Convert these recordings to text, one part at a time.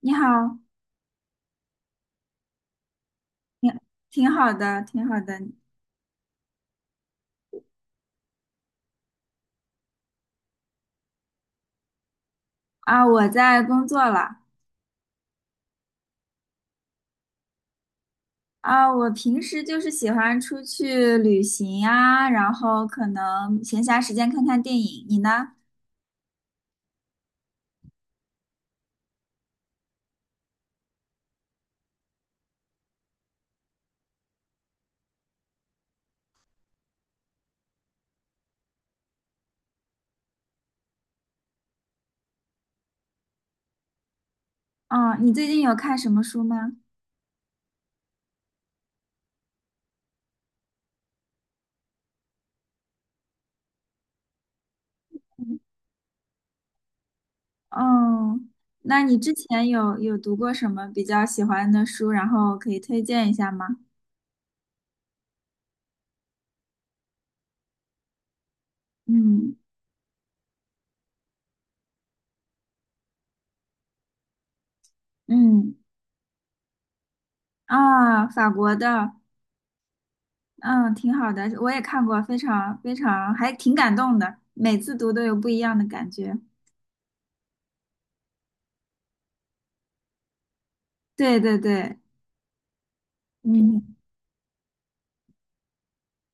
你好。挺挺好的，挺好的。啊！我在工作了。啊，我平时就是喜欢出去旅行呀，然后可能闲暇时间看看电影。你呢？哦，你最近有看什么书吗？哦，那你之前有读过什么比较喜欢的书，然后可以推荐一下吗？嗯。嗯。啊，法国的。嗯，挺好的，我也看过，非常非常，还挺感动的，每次读都有不一样的感觉。对对对。嗯，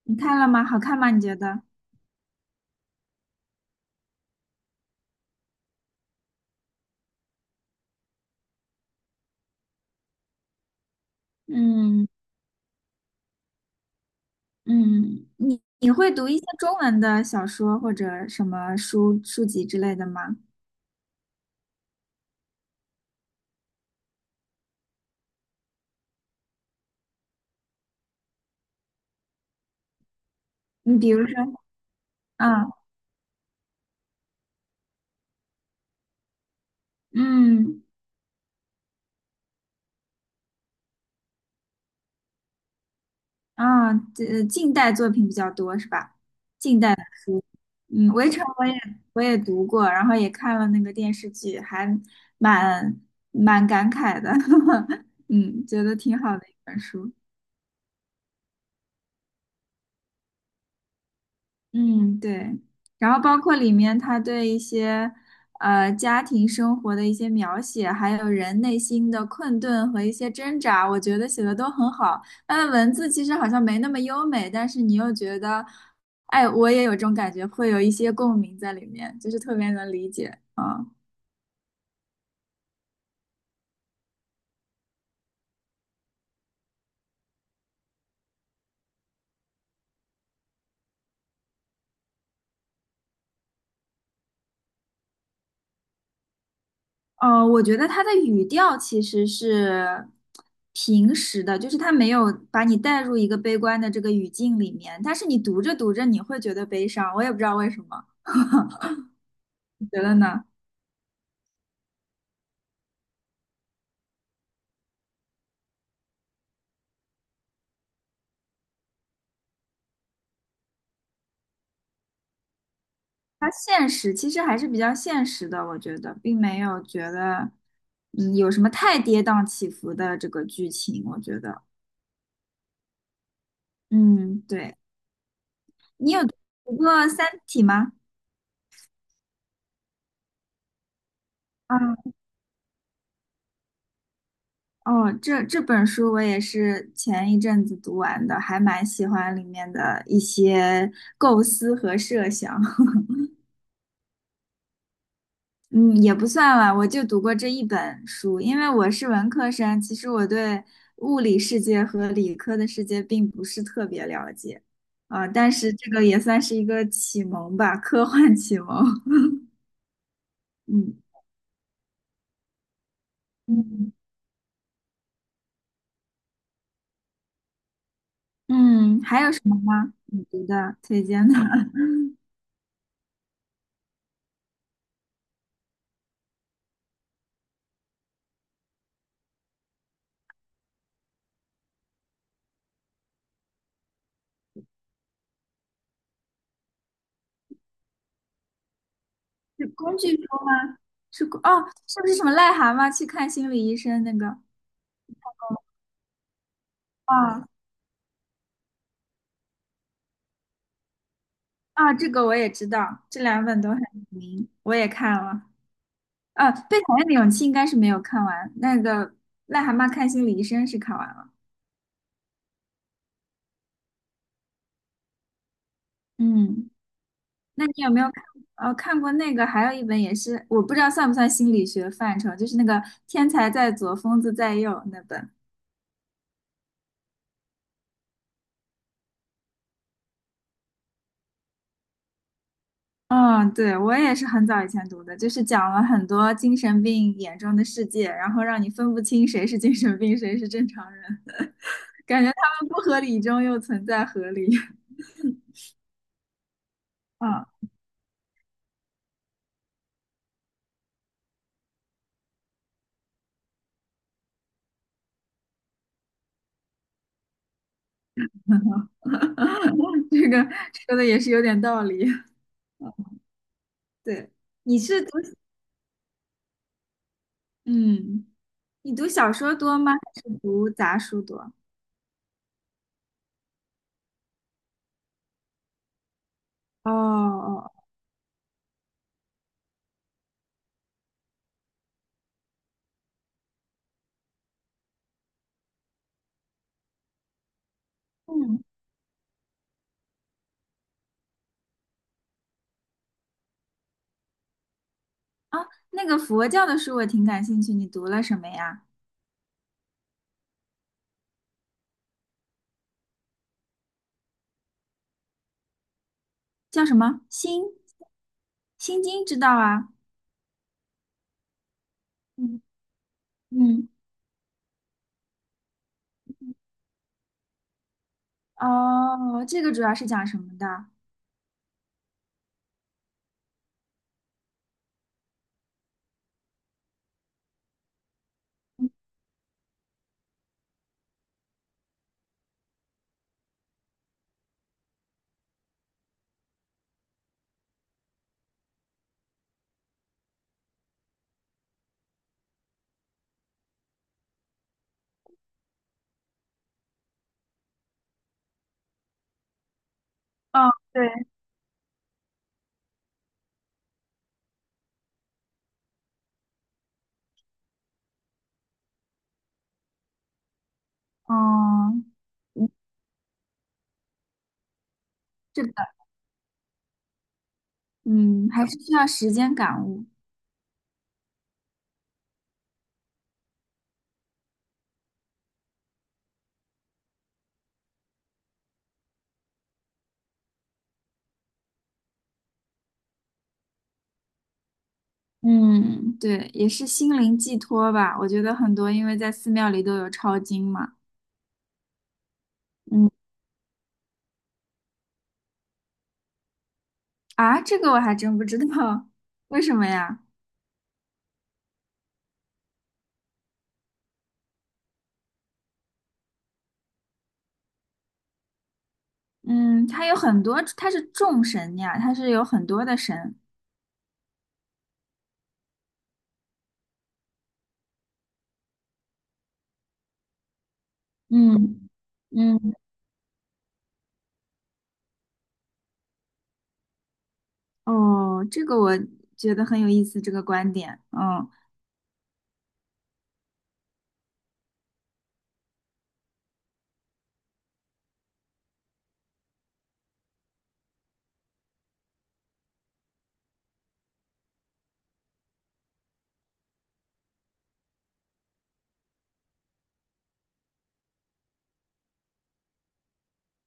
你看了吗？好看吗？你觉得？嗯。嗯，你会读一些中文的小说或者什么书籍之类的吗？你比如说，啊。嗯。啊，这近代作品比较多是吧？近代的。嗯，《围城》我也读过，然后也看了那个电视剧，还蛮蛮感慨的。嗯，觉得挺好的一本书。嗯，对，然后包括里面他对一些家庭生活的一些描写，还有人内心的困顿和一些挣扎，我觉得写的都很好。他的文字其实好像没那么优美，但是你又觉得，哎，我也有这种感觉，会有一些共鸣在里面，就是特别能理解啊。哦，我觉得他的语调其实是平时的，就是他没有把你带入一个悲观的这个语境里面，但是你读着读着你会觉得悲伤，我也不知道为什么。你觉得呢？他现实其实还是比较现实的，我觉得并没有觉得嗯有什么太跌宕起伏的这个剧情，我觉得。嗯，对。你有读过《三体》吗？啊。哦，这这本书我也是前一阵子读完的，还蛮喜欢里面的一些构思和设想。嗯，也不算吧，我就读过这一本书，因为我是文科生，其实我对物理世界和理科的世界并不是特别了解。啊、但是这个也算是一个启蒙吧，科幻启蒙。嗯。嗯。嗯，还有什么吗？你觉得推荐的？是工具书吗？是工哦，是不是什么癞蛤蟆去看心理医生那个？啊。啊，这个我也知道，这两本都很有名，我也看了。啊，被讨厌的勇气应该是没有看完，那个癞蛤蟆看心理医生是看完了。嗯。那你有没有看？哦，看过那个，还有一本也是，我不知道算不算心理学范畴，就是那个《天才在左，疯子在右》那本。嗯，对，我也是很早以前读的，就是讲了很多精神病眼中的世界，然后让你分不清谁是精神病，谁是正常人，感觉他们不合理中又存在合理。嗯。这个说的也是有点道理。嗯。对，你是读，嗯，你读小说多吗？还是读杂书多？哦哦。嗯。啊，那个佛教的书我挺感兴趣，你读了什么呀？叫什么？心。心经知道啊？嗯。嗯。哦，这个主要是讲什么的？哦，对。嗯。嗯。是的。嗯，还是需要时间感悟。嗯，对，也是心灵寄托吧。我觉得很多，因为在寺庙里都有抄经嘛。嗯。啊，这个我还真不知道。为什么呀？嗯，它有很多，它是众神呀，它是有很多的神。嗯。嗯。哦，这个我觉得很有意思，这个观点。嗯。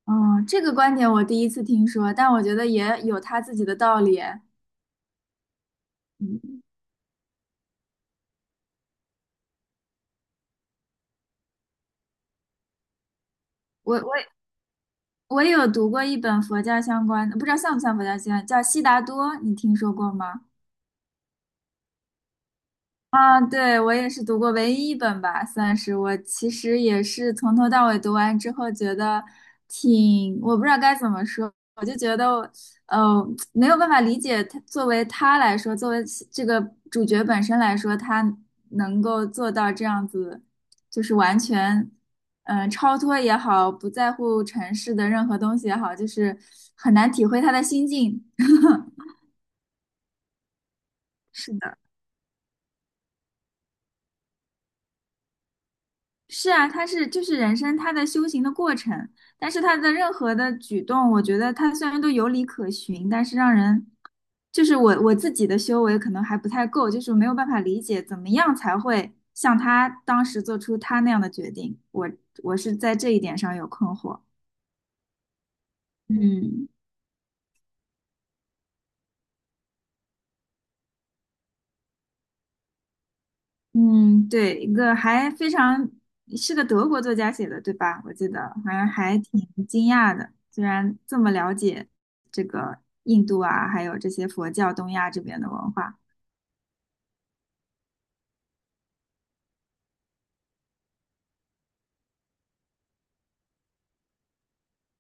嗯，这个观点我第一次听说，但我觉得也有他自己的道理。嗯，我我也有读过一本佛教相关的，不知道像不像佛教相关，叫《悉达多》，你听说过吗？啊，对，我也是读过唯一一本吧，算是我其实也是从头到尾读完之后，觉得挺，我不知道该怎么说，我就觉得，呃，没有办法理解他作为他来说，作为其这个主角本身来说，他能够做到这样子，就是完全，嗯、超脱也好，不在乎尘世的任何东西也好，就是很难体会他的心境。是的。是啊，他是就是人生他的修行的过程，但是他的任何的举动，我觉得他虽然都有理可循，但是让人就是我自己的修为可能还不太够，就是没有办法理解怎么样才会像他当时做出他那样的决定。我我是在这一点上有困惑。嗯。嗯，对，一个还非常是个德国作家写的，对吧？我记得好像还挺惊讶的，居然这么了解这个印度啊，还有这些佛教东亚这边的文化。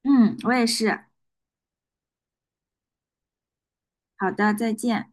嗯，我也是。好的，再见。